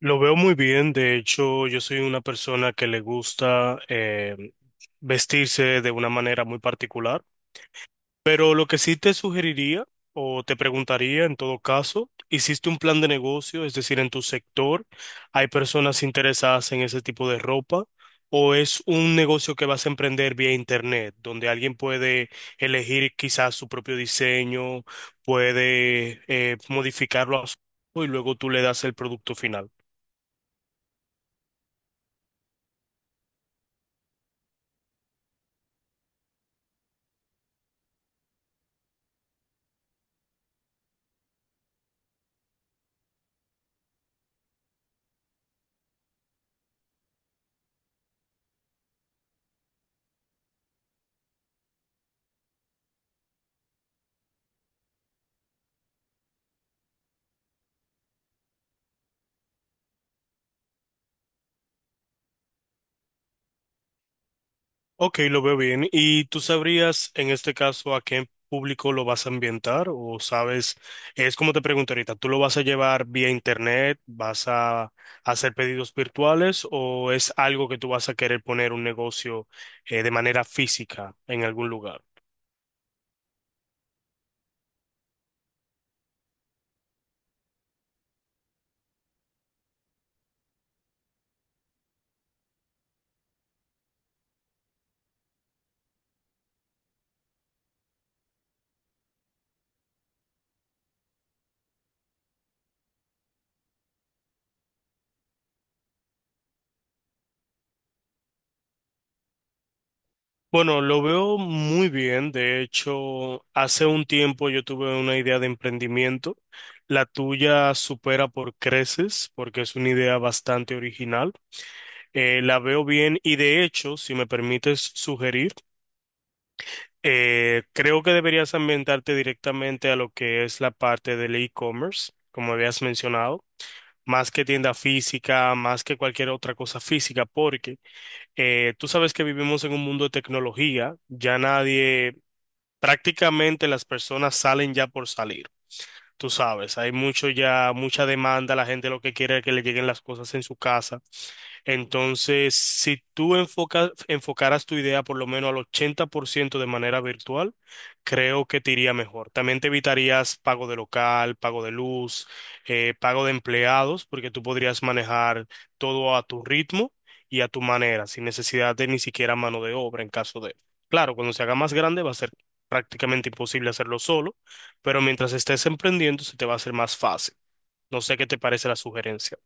Lo veo muy bien. De hecho, yo soy una persona que le gusta, vestirse de una manera muy particular, pero lo que sí te sugeriría o te preguntaría en todo caso, ¿hiciste un plan de negocio? Es decir, en tu sector, ¿hay personas interesadas en ese tipo de ropa? ¿O es un negocio que vas a emprender vía internet, donde alguien puede elegir quizás su propio diseño, puede, modificarlo a su y luego tú le das el producto final? Ok, lo veo bien. ¿Y tú sabrías en este caso a qué público lo vas a ambientar? O sabes, es como te pregunto ahorita, ¿tú lo vas a llevar vía internet? ¿Vas a hacer pedidos virtuales? ¿O es algo que tú vas a querer poner un negocio de manera física en algún lugar? Bueno, lo veo muy bien. De hecho, hace un tiempo yo tuve una idea de emprendimiento. La tuya supera por creces porque es una idea bastante original. La veo bien y, de hecho, si me permites sugerir, creo que deberías ambientarte directamente a lo que es la parte del e-commerce, como habías mencionado, más que tienda física, más que cualquier otra cosa física, porque tú sabes que vivimos en un mundo de tecnología, ya nadie, prácticamente las personas salen ya por salir. Tú sabes, hay mucho ya, mucha demanda, la gente lo que quiere es que le lleguen las cosas en su casa. Entonces, si tú enfocaras tu idea por lo menos al 80% de manera virtual, creo que te iría mejor. También te evitarías pago de local, pago de luz, pago de empleados, porque tú podrías manejar todo a tu ritmo y a tu manera, sin necesidad de ni siquiera mano de obra en caso de... Claro, cuando se haga más grande va a ser prácticamente imposible hacerlo solo, pero mientras estés emprendiendo se te va a hacer más fácil. No sé qué te parece la sugerencia.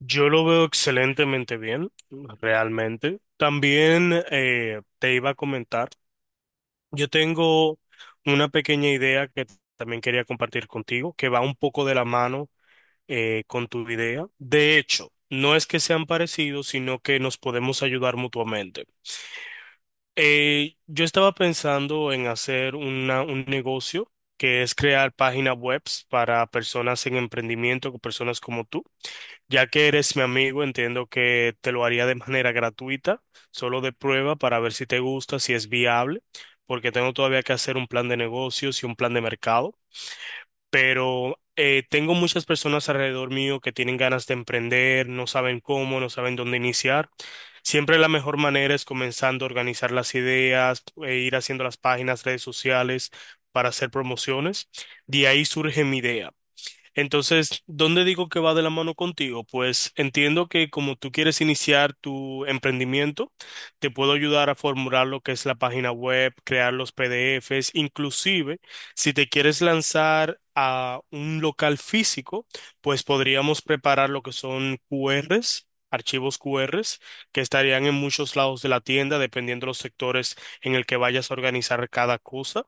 Yo lo veo excelentemente bien, realmente. También, te iba a comentar, yo tengo una pequeña idea que también quería compartir contigo, que va un poco de la mano con tu idea. De hecho, no es que sean parecidos, sino que nos podemos ayudar mutuamente. Yo estaba pensando en hacer un negocio que es crear páginas webs para personas en emprendimiento, con personas como tú. Ya que eres mi amigo, entiendo que te lo haría de manera gratuita, solo de prueba para ver si te gusta, si es viable, porque tengo todavía que hacer un plan de negocios y un plan de mercado, pero tengo muchas personas alrededor mío que tienen ganas de emprender, no saben cómo, no saben dónde iniciar. Siempre la mejor manera es comenzando a organizar las ideas, e ir haciendo las páginas, redes sociales para hacer promociones. De ahí surge mi idea. Entonces, ¿dónde digo que va de la mano contigo? Pues entiendo que como tú quieres iniciar tu emprendimiento, te puedo ayudar a formular lo que es la página web, crear los PDFs, inclusive si te quieres lanzar a un local físico, pues podríamos preparar lo que son QRs, archivos QRs que estarían en muchos lados de la tienda, dependiendo de los sectores en el que vayas a organizar cada cosa.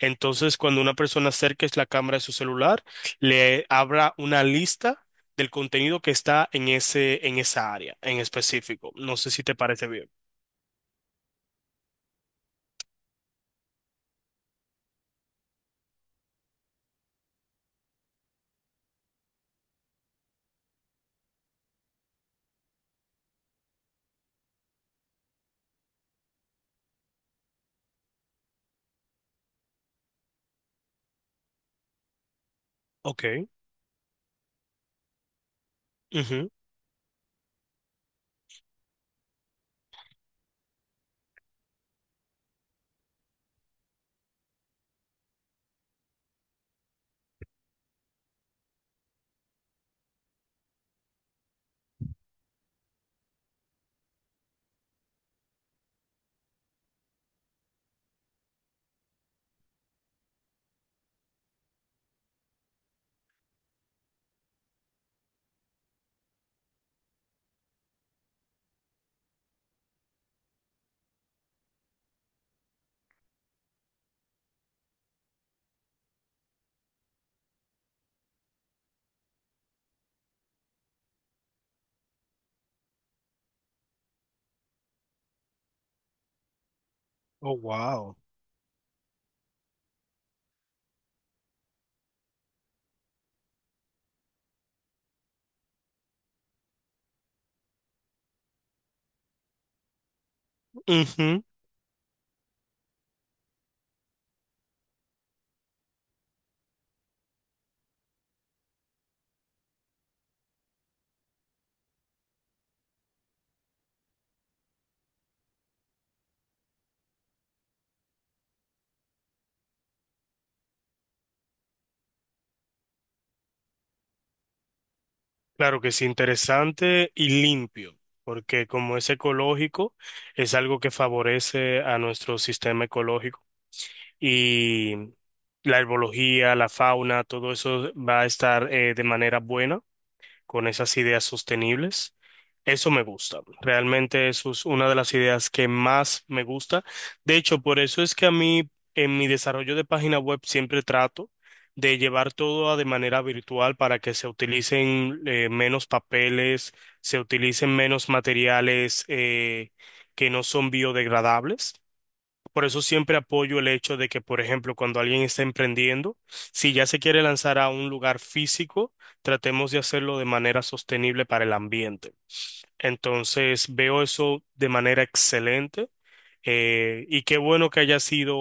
Entonces, cuando una persona acerque la cámara de su celular, le abra una lista del contenido que está en ese, en esa área en específico. No sé si te parece bien. Ok. Ujú. Oh, wow. Ujú. Claro que sí, interesante y limpio, porque como es ecológico, es algo que favorece a nuestro sistema ecológico y la herbología, la fauna, todo eso va a estar, de manera buena, con esas ideas sostenibles. Eso me gusta. Realmente eso es una de las ideas que más me gusta. De hecho, por eso es que a mí en mi desarrollo de página web siempre trato de llevar todo de manera virtual para que se utilicen, menos papeles, se utilicen menos materiales, que no son biodegradables. Por eso siempre apoyo el hecho de que, por ejemplo, cuando alguien está emprendiendo, si ya se quiere lanzar a un lugar físico, tratemos de hacerlo de manera sostenible para el ambiente. Entonces, veo eso de manera excelente, y qué bueno que haya sido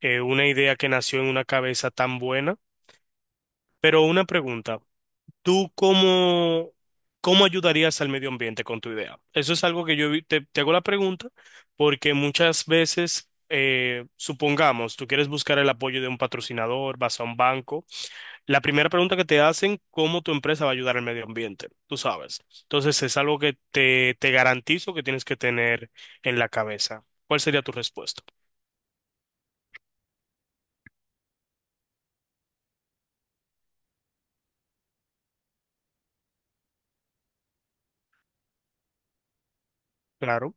una idea que nació en una cabeza tan buena. Pero una pregunta, ¿tú cómo, cómo ayudarías al medio ambiente con tu idea? Eso es algo que yo te, te hago la pregunta porque muchas veces, supongamos, tú quieres buscar el apoyo de un patrocinador, vas a un banco. La primera pregunta que te hacen, ¿cómo tu empresa va a ayudar al medio ambiente? Tú sabes. Entonces es algo que te garantizo que tienes que tener en la cabeza. ¿Cuál sería tu respuesta? Claro.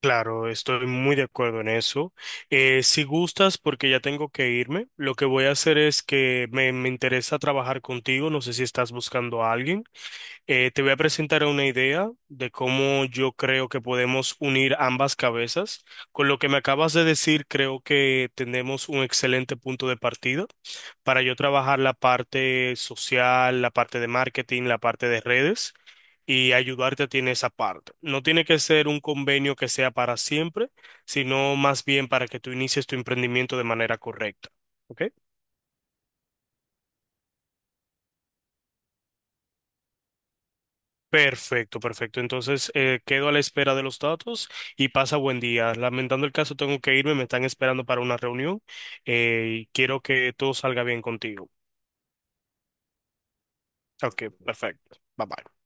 Claro, estoy muy de acuerdo en eso. Si gustas, porque ya tengo que irme, lo que voy a hacer es que me interesa trabajar contigo, no sé si estás buscando a alguien. Te voy a presentar una idea de cómo yo creo que podemos unir ambas cabezas. Con lo que me acabas de decir, creo que tenemos un excelente punto de partida para yo trabajar la parte social, la parte de marketing, la parte de redes y ayudarte a ti en esa parte. No tiene que ser un convenio que sea para siempre, sino más bien para que tú inicies tu emprendimiento de manera correcta. ¿Ok? Perfecto, perfecto. Entonces, quedo a la espera de los datos y pasa buen día. Lamentando el caso, tengo que irme, me están esperando para una reunión, y quiero que todo salga bien contigo. Ok, perfecto. Bye bye.